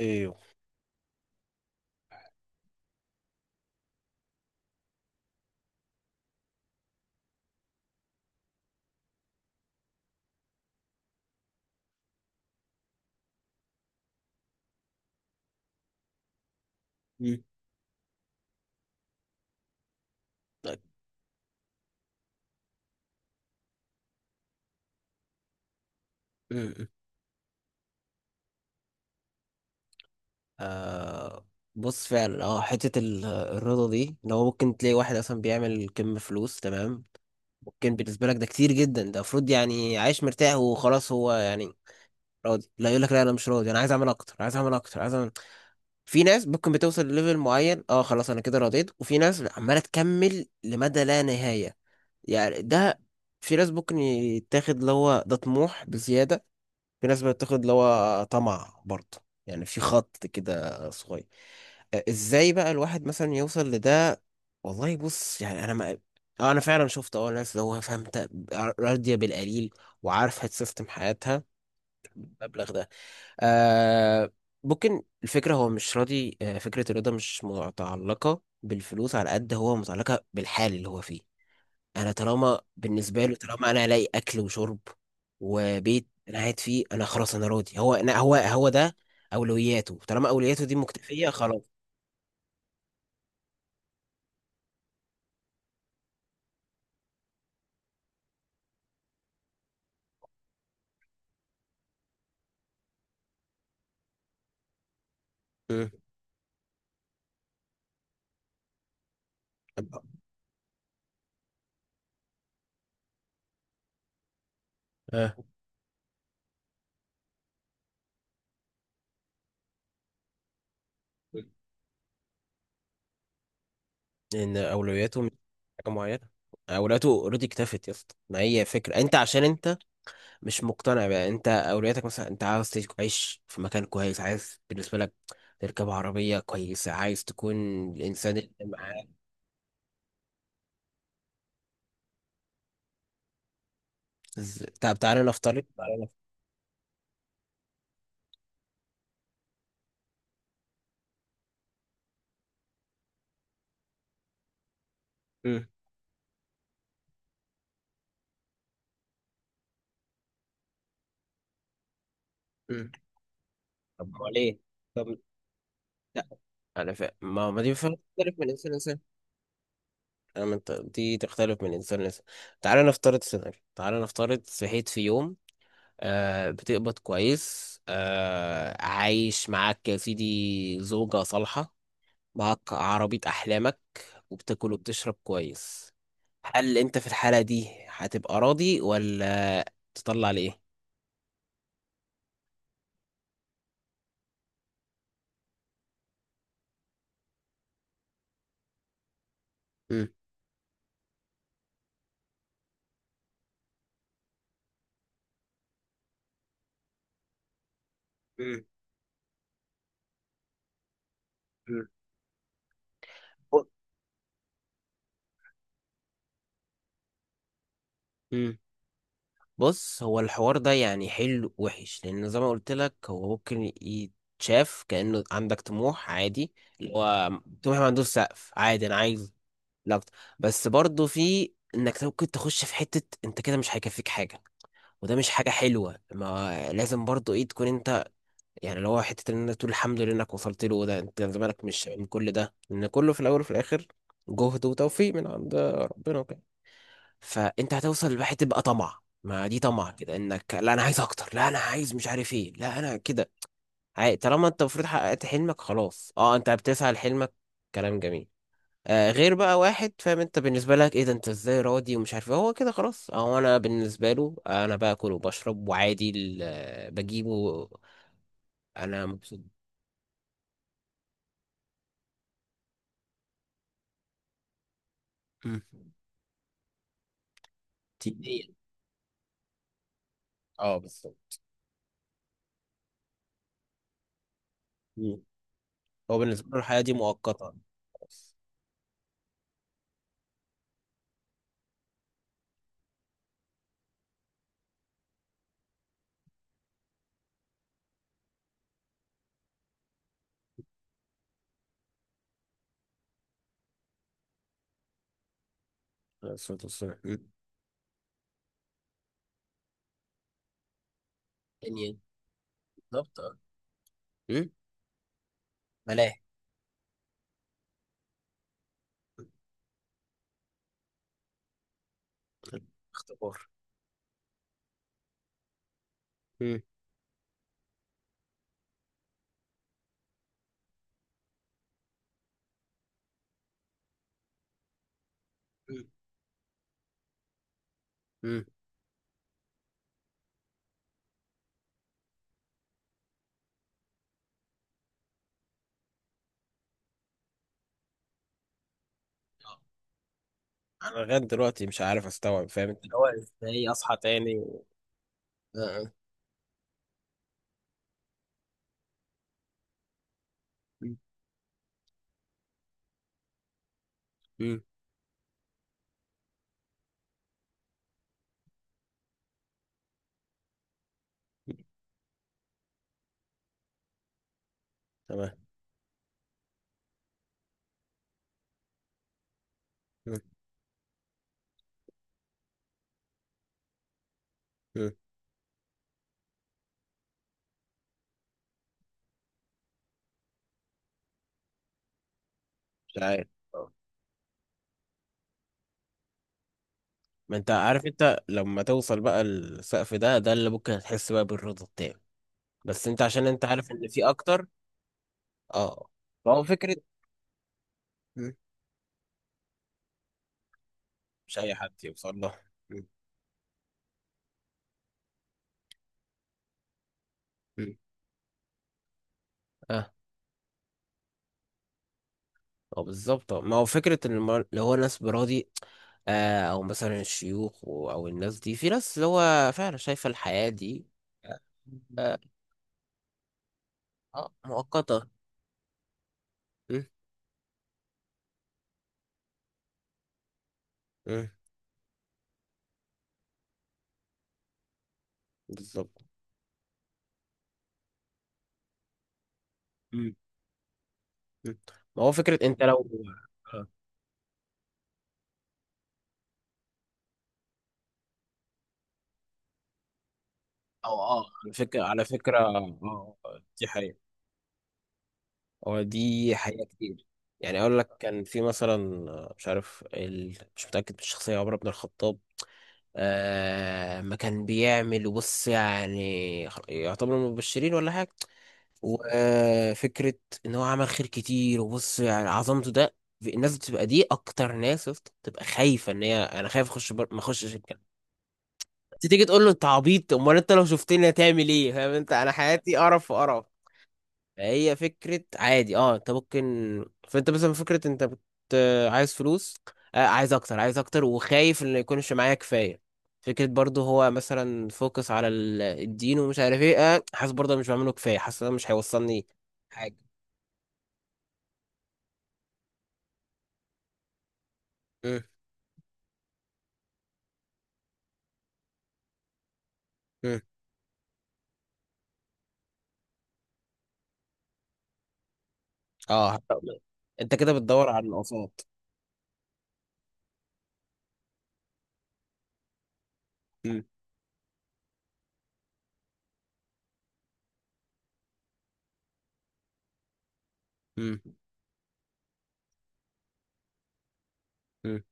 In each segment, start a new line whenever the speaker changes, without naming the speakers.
ايوه. مم. طيب. مم. مم. آه، بص فعلا حتة الرضا دي ان هو ممكن تلاقي واحد اصلا بيعمل كم فلوس. تمام، ممكن بالنسبة لك ده كتير جدا، ده المفروض يعني عايش مرتاح وخلاص، هو يعني راضي. لا، يقول لك لا انا مش راضي، انا عايز اعمل اكتر، عايز اعمل اكتر، عايز اعمل. في ناس ممكن بتوصل لليفل معين، اه خلاص انا كده رضيت، وفي ناس عمالة تكمل لمدى لا نهاية. يعني ده في ناس ممكن يتاخد اللي هو ده طموح بزيادة، في ناس بتاخد اللي هو طمع برضه، يعني في خط كده صغير. آه، ازاي بقى الواحد مثلا يوصل لده؟ والله بص، يعني انا ما... آه، انا فعلا شفت ناس اللي هو فهمت، راضيه بالقليل وعارفه تسيستم حياتها المبلغ ده. آه، ممكن الفكره هو مش راضي. آه، فكره الرضا مش متعلقه بالفلوس، على قد هو متعلقه بالحال اللي هو فيه. انا طالما بالنسبه له، طالما انا الاقي اكل وشرب وبيت انا قاعد فيه، انا خلاص انا راضي. هو أنا هو هو ده اولوياته، طالما اولوياته دي مكتفيه خلاص. امم اه، ان اولوياته مش حاجه معينه. اولوياته اوريدي اكتفت يا اسطى. ما هي فكره انت عشان انت مش مقتنع بقى، انت اولوياتك مثلا انت عاوز تعيش في مكان كويس، عايز بالنسبه لك تركب عربيه كويسه، عايز تكون الانسان اللي معاك. طب تعالى نفترض، مم. مم. طب امال ايه؟ طب لا، انا فاهم. ما دي فاهم تختلف من انسان لانسان. دي تختلف من انسان لانسان. تعالى نفترض سيناريو، تعالى نفترض صحيت في يوم، آه بتقبض كويس، آه عايش معاك يا سيدي زوجة صالحة، معاك عربية احلامك، وبتاكل وبتشرب كويس. هل انت في الحالة دي هتبقى راضي ولا تطلع ليه؟ امم بص، هو الحوار ده يعني حلو وحش، لان زي ما قلت لك هو ممكن يتشاف كأنه عندك طموح عادي، اللي هو طموح ما عندوش سقف عادي، انا عايز لقط. بس برضه في انك ممكن تخش في حتة انت كده مش هيكفيك حاجة، وده مش حاجة حلوة. ما لازم برضه ايه تكون انت، يعني اللي هو حتة ان انت تقول الحمد لله انك وصلت له ده، انت زمانك مش من كل ده، لان كله في الاول وفي الاخر جهد وتوفيق من عند ربنا وكده. فانت هتوصل لواحد تبقى طمع، ما دي طمع كده انك لا انا عايز اكتر، لا انا عايز مش عارف ايه، لا انا كده طالما انت المفروض حققت حلمك خلاص، اه انت بتسعى لحلمك، كلام جميل. آه غير بقى واحد فاهم انت بالنسبه لك ايه ده، انت ازاي راضي ومش عارف ايه، هو كده خلاص. آه، هو انا بالنسبه له انا باكل وبشرب وعادي بجيبه. انا مبسوط. مم. تدين. اه، بالظبط. مم. هو بالنسبه له الحياه دي مؤقته. خلاص. عليه الصلاه والسلام. مم. يعني بالظبط، اه. مم. ملاهي. اختبار. مم. مم. آه. انا لغايه دلوقتي مش عارف استوعب فاهم انت اللي هو ازاي اصحى تاني و... آه. آه. مم. مم. تمام. مم. مم. مش عارف. آه. ما انت عارف انت لما توصل بقى السقف ده، ده اللي ممكن هتحس بقى بالرضا التام، بس انت عشان انت عارف ان في اكتر. اه، فهو فكره. مم. مش اي حد يوصل له. مم. مم. آه. اه بالظبط. ما هو فكرة إن اللي هو ناس براضي. آه، أو مثلا الشيوخ أو الناس دي، في ناس اللي هو فعلا شايفة الحياة دي آه. آه، مؤقتة. م- م، بالظبط. م- م. ما هو فكرة أنت لو آه، أو آه، على فكرة، آه. آه، دي حقيقة. هو دي حقيقة كتير، يعني أقول لك كان في مثلا آه، مش عارف مش متأكد من الشخصية، عمر بن الخطاب. آه ما كان بيعمل بص، يعني يعتبر من المبشرين ولا حاجة. وفكرة ان هو عمل خير كتير، وبص يعني عظمته ده. الناس بتبقى دي اكتر ناس يا اسطى، بتبقى خايفة ان هي انا خايف اخش ما اخشش الجنة. أنت تيجي تقول له انت عبيط، امال انت لو شفتني هتعمل ايه؟ فاهم انت، انا حياتي قرف وقرف. هي فكرة عادي، اه انت ممكن. فانت مثلا فكرة انت عايز فلوس. آه عايز اكتر، عايز اكتر، وخايف ان يكونش معايا كفاية. فكرة برضو هو مثلا فوكس على الدين ومش عارف ايه. آه حاسس برضو أنا مش بعمله كفاية، حاسس إن أنا مش هيوصلني حاجة. مم. مم. اه انت كده بتدور على النقصات. مم. مم. مم.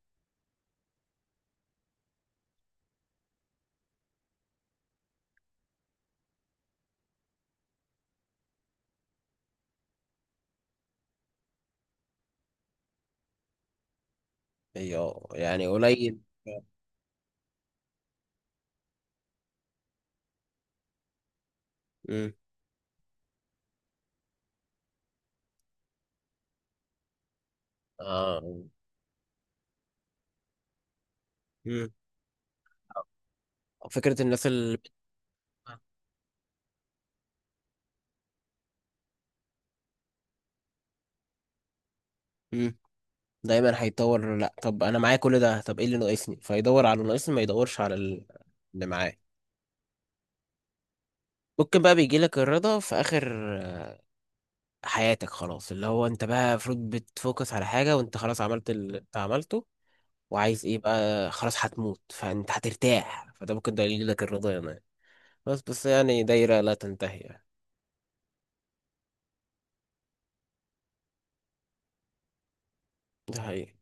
ايوه، يعني قليل. مم. اه. مم. فكرة الناس اللي... مم. دايما هيطور. لا، طب انا معايا كل ده، طب ايه اللي ناقصني؟ فيدور على اللي ناقصني، ما يدورش على اللي معاه. ممكن بقى بيجيلك الرضا في اخر آه، حياتك خلاص. اللي هو انت بقى المفروض بتفوكس على حاجه، وانت خلاص عملت اللي انت عملته، وعايز ايه بقى؟ خلاص هتموت، فانت هترتاح، فده ممكن ده يجيلك الرضا يعني. بس يعني دايره لا تنتهي يعني. ده حقيقي.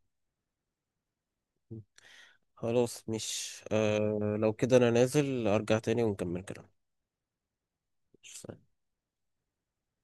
خلاص مش آه، لو كده انا نازل ارجع تاني ونكمل كلام.